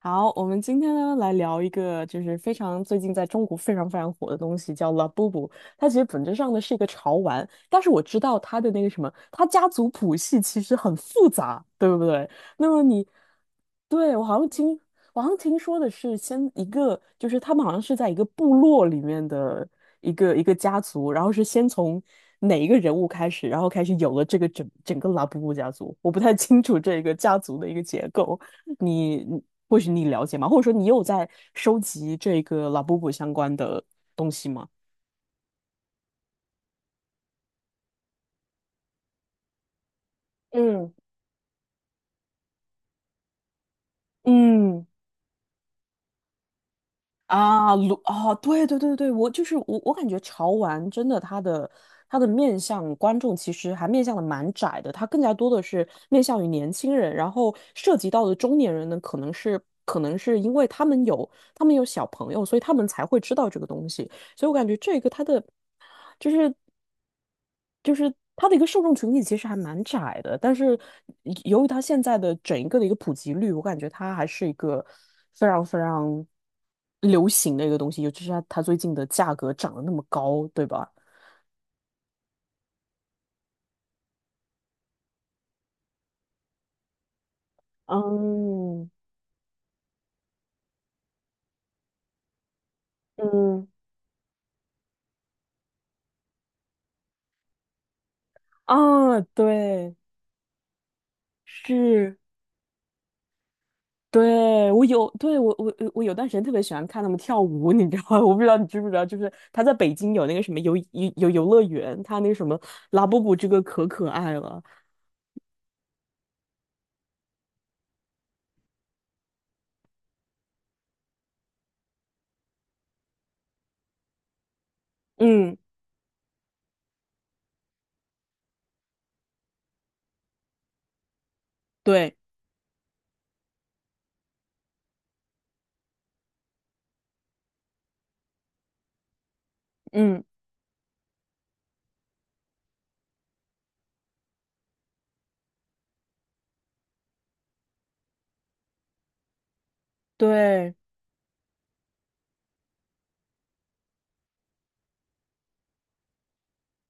好，我们今天呢来聊一个就是非常最近在中国非常非常火的东西，叫 Labubu。它其实本质上呢是一个潮玩，但是我知道它的那个什么，它家族谱系其实很复杂，对不对？那么你，对，我好像听说的是，先一个就是他们好像是在一个部落里面的一个家族，然后是先从哪一个人物开始，然后开始有了这个整个拉布布家族。我不太清楚这个家族的一个结构，你你或许你了解吗？或者说你有在收集这个拉布布相关的东西吗？嗯嗯，啊，鲁啊，对对对对，我就是我，我感觉潮玩真的它的面向观众其实还面向的蛮窄的，它更加多的是面向于年轻人，然后涉及到的中年人呢，可能是因为他们有小朋友，所以他们才会知道这个东西，所以我感觉这个它的。就是就是它的一个受众群体其实还蛮窄的，但是由于它现在的整一个的一个普及率，我感觉它还是一个非常非常流行的一个东西，尤其是它最近的价格涨得那么高，对吧？嗯嗯啊，对，是。对，我有，对，我有段时间特别喜欢看他们跳舞，你知道吗？我不知道你知不知道，就是他在北京有那个什么游乐园，他那什么拉布布这个可爱了，嗯，对，嗯，对，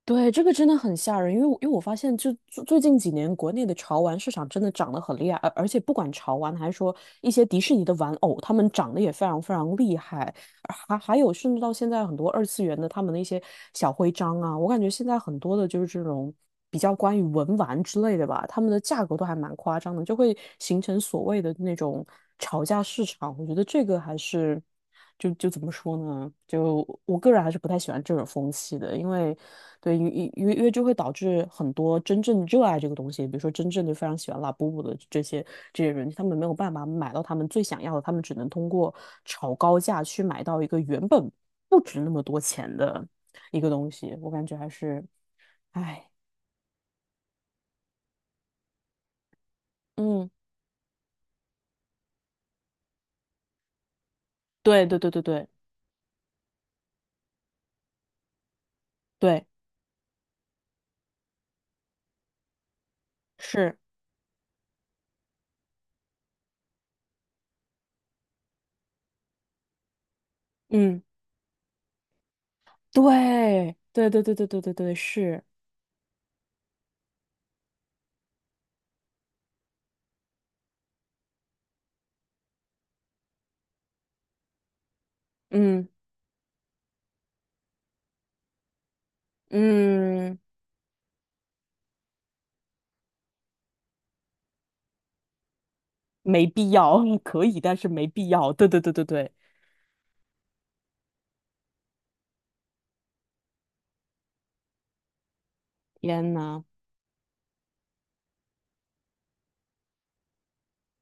对，这个真的很吓人，因为我发现就，最近几年国内的潮玩市场真的涨得很厉害，而且不管潮玩还是说一些迪士尼的玩偶，他们涨得也非常非常厉害，还有甚至到现在很多二次元的他们的一些小徽章啊，我感觉现在很多的就是这种比较关于文玩之类的吧，他们的价格都还蛮夸张的，就会形成所谓的那种吵价市场，我觉得这个还是就怎么说呢？嗯，就我个人还是不太喜欢这种风气的，因为对，因为就会导致很多真正热爱这个东西，比如说真正的非常喜欢拉布布的这些人，他们没有办法买到他们最想要的，他们只能通过炒高价去买到一个原本不值那么多钱的一个东西，我感觉还是，哎，嗯，对对对对对对，是，嗯，对对对对对对对对是，嗯嗯。没必要，可以，但是没必要。对对对对对，天呐，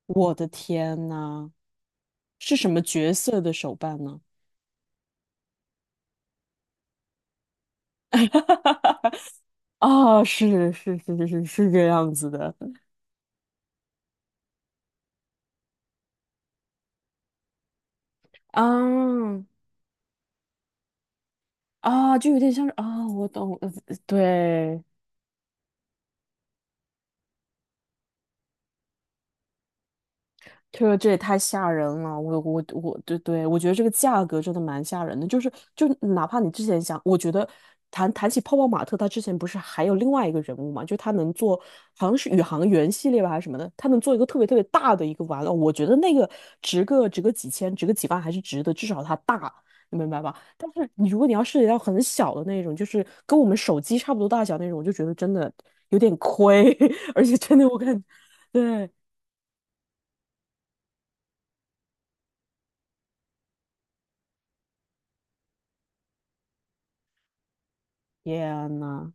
我的天呐，是什么角色的手办呢？啊，是是是是是是这样子的，啊啊，就有点像是啊，我懂，对，这个这也太吓人了，我我我，对对，我觉得这个价格真的蛮吓人的，就哪怕你之前想，我觉得谈起泡泡玛特，他之前不是还有另外一个人物嘛，就他能做好像是宇航员系列吧还是什么的，他能做一个特别特别大的一个玩偶，我觉得那个值个几千，值个几万还是值得，至少它大，你明白吧？但是你如果你要涉及到很小的那种，就是跟我们手机差不多大小那种，我就觉得真的有点亏，而且真的我感觉，对，天呐。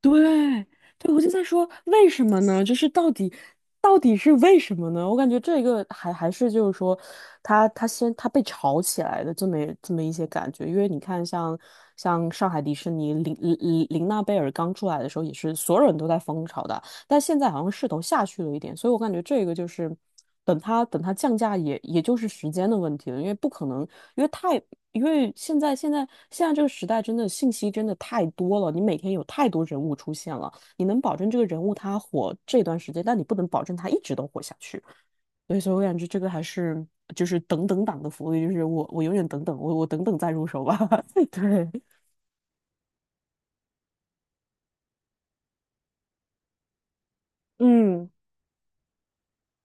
对，对，我就在说为什么呢？就是到底是为什么呢？我感觉这个还是就是说他被炒起来的这么一些感觉，因为你看像上海迪士尼林娜贝尔刚出来的时候，也是所有人都在疯炒的。但现在好像势头下去了一点，所以我感觉这个就是等它降价也就是时间的问题了，因为不可能，因为太因为现在这个时代真的信息真的太多了，你每天有太多人物出现了，你能保证这个人物他火这段时间，但你不能保证他一直都火下去。对，所以我感觉这个还是就是等等党的福利，就是我永远等等，我等等再入手吧。对，嗯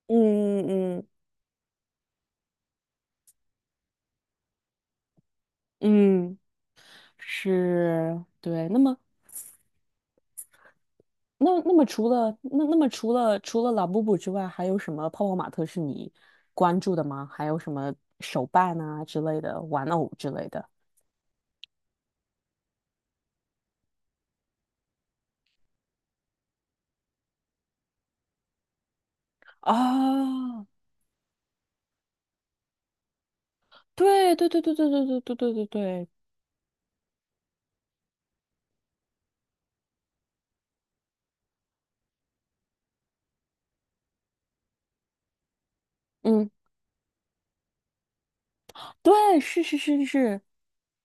嗯嗯嗯，是，对。那么除了拉布布之外，还有什么泡泡玛特是你关注的吗？还有什么手办啊之类的，玩偶之类的？啊，对对对对对对对对对对对，嗯，对，是是是是是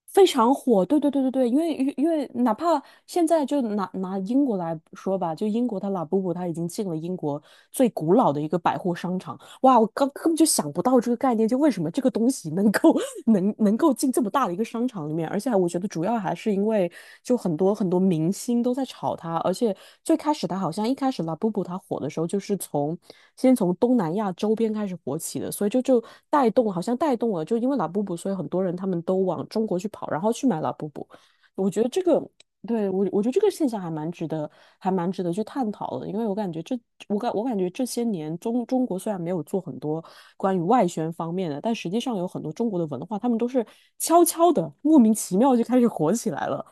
非常火，对对对对对，因为哪怕现在就拿英国来说吧，就英国它拉布布它已经进了英国最古老的一个百货商场，哇，我刚根本就想不到这个概念，就为什么这个东西能够 能够进这么大的一个商场里面，而且我觉得主要还是因为就很多很多明星都在炒它，而且最开始它好像一开始 Labubu 它火的时候，就是从先从东南亚周边开始火起的，所以就带动好像带动了，就因为 Labubu，所以很多人他们都往中国去跑，然后去买 Labubu。我觉得这个。对，我觉得这个现象还蛮值得去探讨的，因为我感觉这些年中国虽然没有做很多关于外宣方面的，但实际上有很多中国的文化，他们都是悄悄的、莫名其妙就开始火起来了。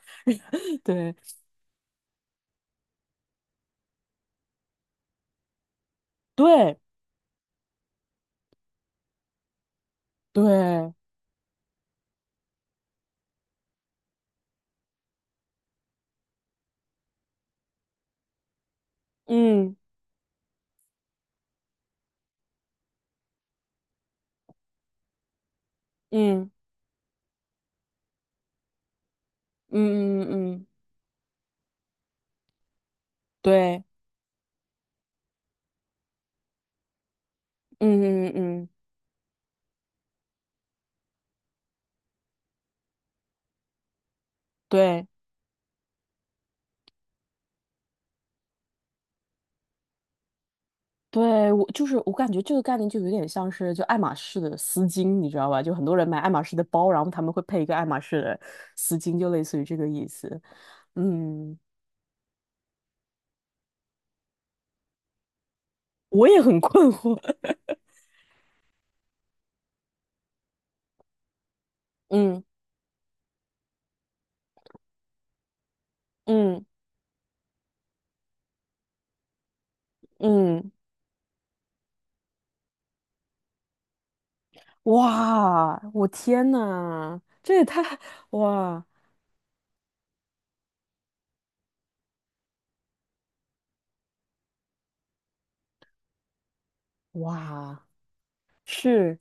对，对，对，嗯嗯嗯嗯嗯，嗯对，嗯嗯嗯，嗯对。对，我就是我感觉这个概念就有点像是就爱马仕的丝巾，你知道吧？就很多人买爱马仕的包，然后他们会配一个爱马仕的丝巾，就类似于这个意思。嗯，我也很困惑。嗯嗯嗯，哇，我天呐，这也太哇哇是。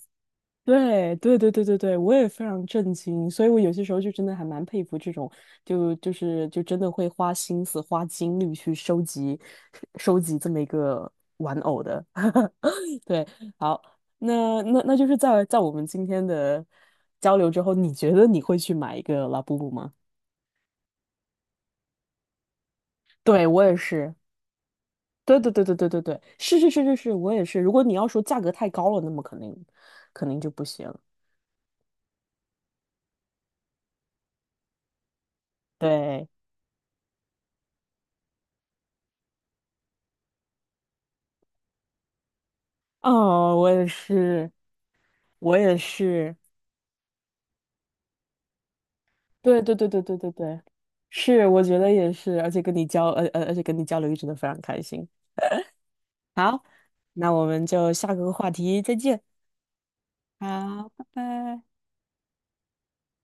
对对对对对对，我也非常震惊，所以我有些时候就真的还蛮佩服这种，就是真的会花心思、花精力去收集这么一个玩偶的。对，好，那就是在我们今天的交流之后，你觉得你会去买一个拉布布吗？对，我也是，对对对对对对对，是是是是是，我也是。如果你要说价格太高了，那么肯定就不行。对，哦，我也是，我也是。对对对对对对对，是，我觉得也是，而且跟你交流一直都非常开心。好，那我们就下个话题再见。好，拜拜。